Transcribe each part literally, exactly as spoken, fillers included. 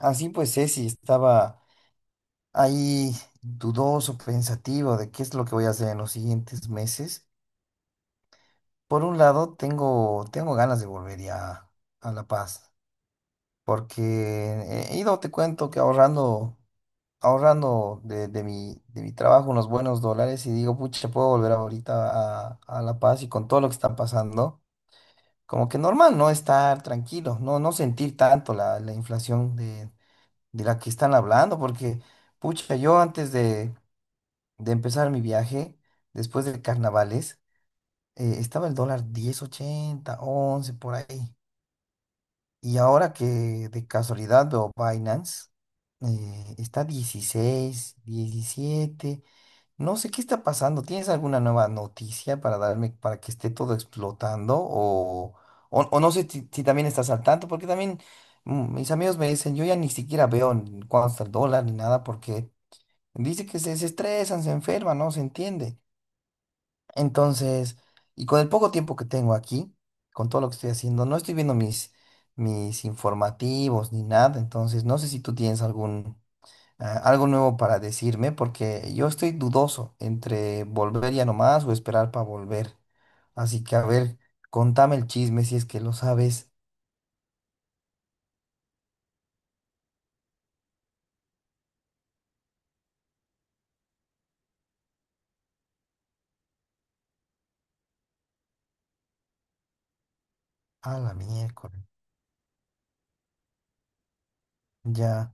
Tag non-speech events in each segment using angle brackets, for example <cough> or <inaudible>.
Así pues, Ceci estaba ahí dudoso, pensativo de qué es lo que voy a hacer en los siguientes meses. Por un lado, tengo, tengo ganas de volver ya a La Paz, porque he ido, te cuento, que ahorrando, ahorrando de, de mi, de mi trabajo unos buenos dólares y digo, pucha, puedo volver ahorita a, a La Paz y con todo lo que está pasando, como que normal, ¿no? Estar tranquilo, no, no sentir tanto la, la inflación de, de la que están hablando, porque... Pucha, yo antes de, de empezar mi viaje, después de carnavales, eh, estaba el dólar diez ochenta once por ahí. Y ahora que de casualidad veo Binance, eh, está dieciséis diecisiete. No sé qué está pasando. ¿Tienes alguna nueva noticia para darme para que esté todo explotando? O, o, o no sé si, si también estás al tanto, porque también mm, mis amigos me dicen, yo ya ni siquiera veo en cuánto está el dólar ni nada, porque dice que se, se estresan, se enferman, no se entiende. Entonces, y con el poco tiempo que tengo aquí, con todo lo que estoy haciendo, no estoy viendo mis, mis informativos ni nada, entonces no sé si tú tienes algún, ah, algo nuevo para decirme, porque yo estoy dudoso entre volver ya nomás o esperar para volver. Así que, a ver, contame el chisme si es que lo sabes. A la miércoles. Ya,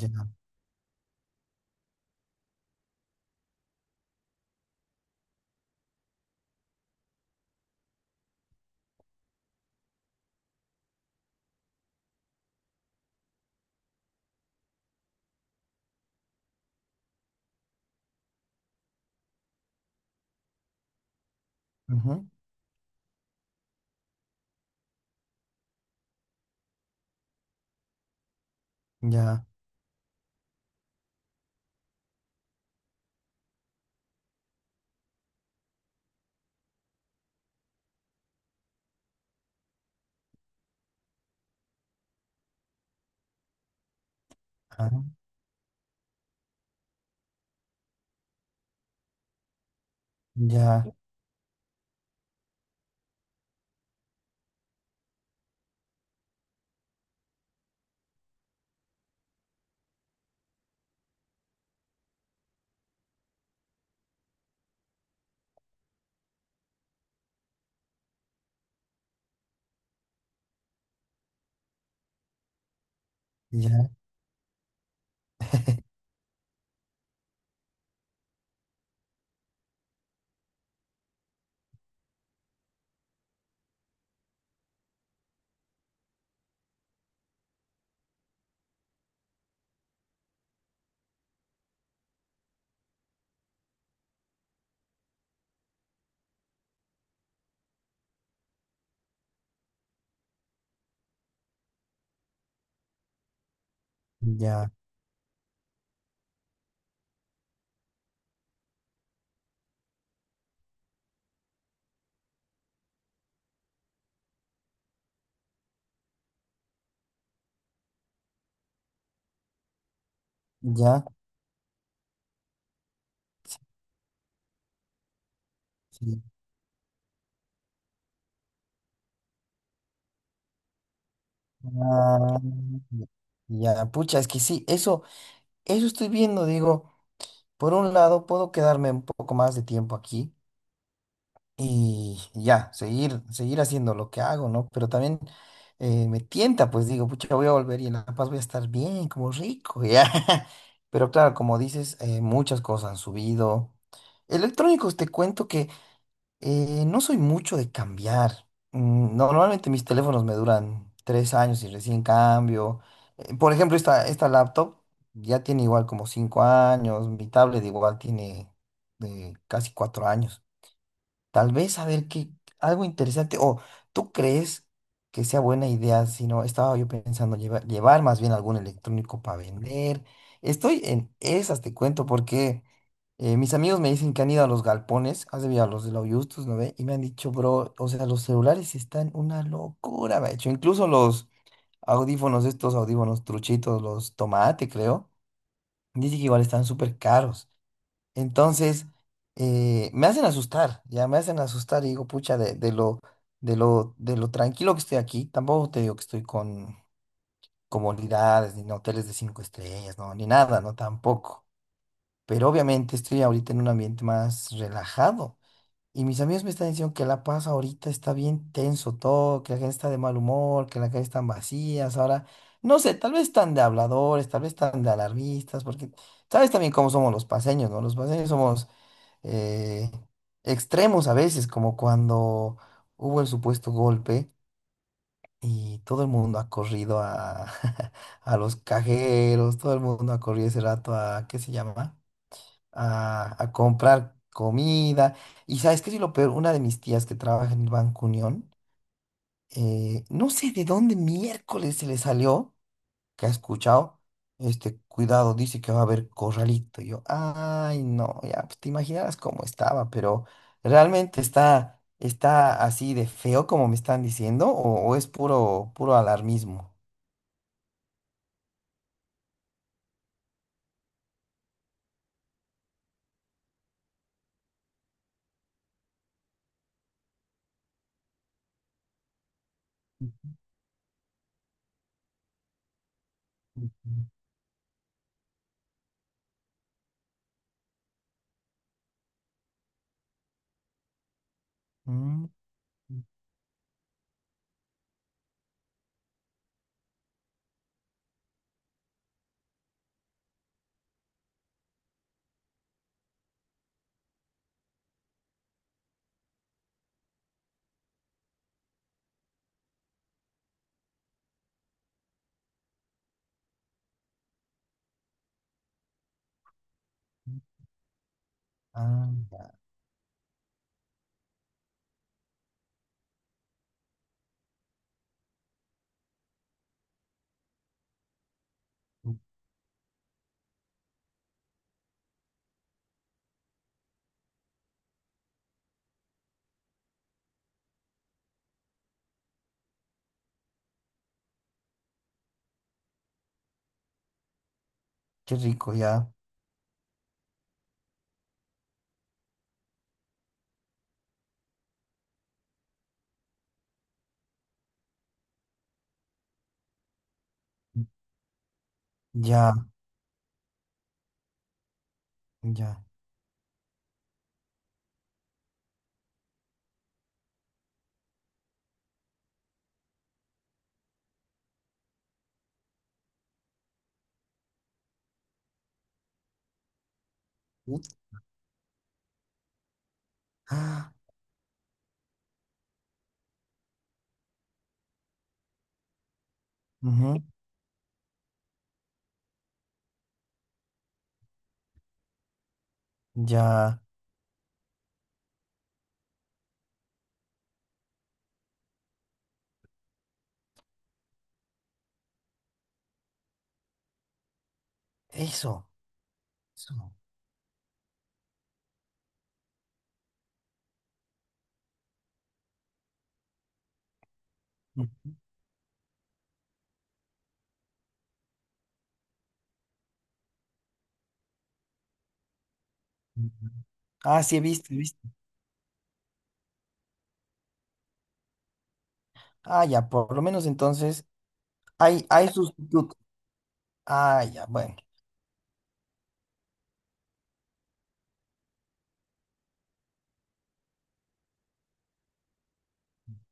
ya, ujú, ya, ah, ya, ya, ya, ya. Sí. Ah, ya, pucha, es que sí, eso, eso estoy viendo, digo, por un lado puedo quedarme un poco más de tiempo aquí y ya, seguir, seguir haciendo lo que hago, ¿no? Pero también eh, me tienta, pues digo, pucha, voy a volver y en La Paz voy a estar bien, como rico, ya. <laughs> Pero claro, como dices, eh, muchas cosas han subido. Electrónicos, te cuento, eh, no soy mucho de cambiar. Mm, no, normalmente mis teléfonos me duran tres años y recién cambio. Eh, Por ejemplo, esta, esta laptop ya tiene igual como cinco años. Mi tablet igual tiene, eh, casi cuatro años. Tal vez a ver qué, algo interesante. O ¿tú crees que sea buena idea? Si no, estaba yo pensando llevar, llevar más bien algún electrónico para vender. Estoy en esas, te cuento, porque eh, mis amigos me dicen que han ido a los galpones, has debido a los de la Justus, ¿no ve? Y me han dicho, bro, o sea, los celulares están una locura, me ha hecho. Incluso los audífonos, estos audífonos truchitos, los tomate, creo. Dicen que igual están súper caros. Entonces, eh, me hacen asustar, ya me hacen asustar y digo, pucha, de, de lo, de lo, de lo tranquilo que estoy aquí, tampoco te digo que estoy con comodidades, ni en hoteles de cinco estrellas, no, ni nada, no, tampoco. Pero obviamente estoy ahorita en un ambiente más relajado. Y mis amigos me están diciendo que La Paz ahorita está bien tenso todo, que la gente está de mal humor, que las calles están vacías. Ahora, no sé, tal vez están de habladores, tal vez están de alarmistas, porque sabes también cómo somos los paseños, ¿no? Los paseños somos, eh, extremos a veces, como cuando hubo el supuesto golpe y todo el mundo ha corrido a, <laughs> a los cajeros, todo el mundo ha corrido ese rato a, ¿qué se llama? A, a comprar comida. Y sabes qué es lo peor, una de mis tías que trabaja en el Banco Unión, eh, no sé de dónde miércoles se le salió que ha escuchado, este, cuidado, dice que va a haber corralito. Y yo, ay, no, ya, pues te imaginas cómo estaba, pero ¿realmente está, está así de feo como me están diciendo o, o es puro, puro alarmismo? Mm, ah, ya, mm, qué rico, ya, ya, ya. Ut, ah, ujú, ya, eso. Eso. Mm, mm, mm. Ah, sí, he visto, he visto. Ah, ya, por lo menos entonces hay, hay sustitutos. Ah, ya, bueno.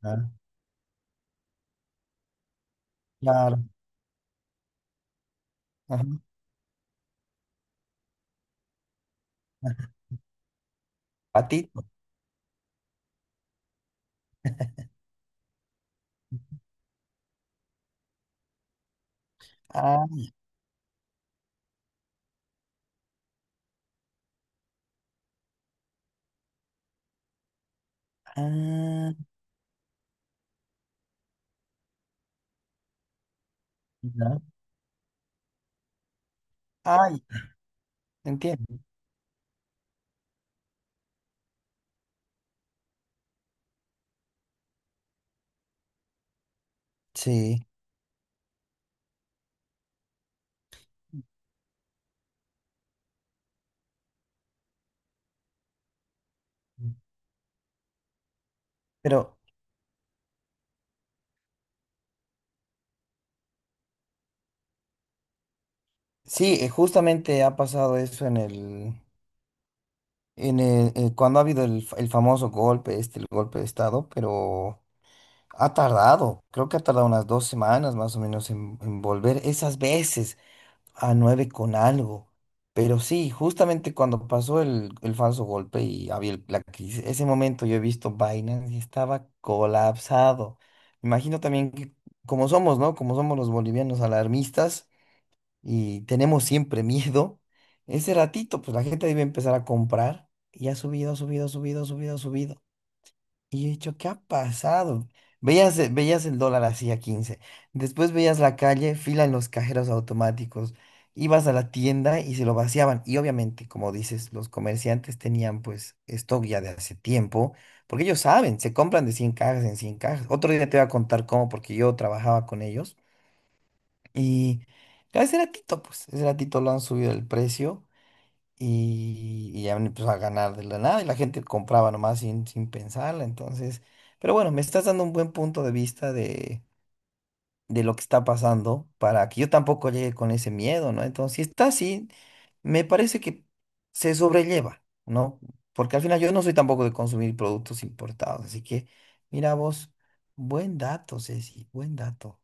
Ah, claro. Ajá. Patito. Ah, ah, ya. Ah, ya, entiendo. Sí, pero sí, eh, justamente ha pasado eso en el, en el, eh, cuando ha habido el, fa- el famoso golpe, este, el golpe de Estado, pero ha tardado, creo que ha tardado unas dos semanas más o menos en, en, volver esas veces. A nueve con algo. Pero sí, justamente cuando pasó el, el falso golpe y había el- la crisis, ese momento yo he visto Binance y estaba colapsado. Imagino también que como somos, ¿no? Como somos los bolivianos alarmistas y tenemos siempre <laughs> miedo, ese ratito pues la gente debe empezar a comprar y ha subido, ha subido, ha subido, ha subido, ha subido. Y he dicho, ¿qué ha pasado? Veías, eh, veías el dólar así a quince. Después veías la calle, fila en los cajeros automáticos. Ibas a la tienda y se lo vaciaban. Y obviamente, como dices, los comerciantes tenían pues stock ya de hace tiempo, porque ellos saben, se compran de cien cajas en cien cajas. Otro día te voy a contar cómo, porque yo trabajaba con ellos. Y claro, ese ratito, pues, ese ratito lo han subido el precio y, y ya me empezó a ganar de la nada y la gente compraba nomás sin, sin, pensarla. Entonces, pero bueno, me estás dando un buen punto de vista de, de lo que está pasando para que yo tampoco llegue con ese miedo, ¿no? Entonces, si está así, me parece que se sobrelleva, ¿no? Porque al final yo no soy tampoco de consumir productos importados. Así que, mira vos, buen dato, Ceci, buen dato.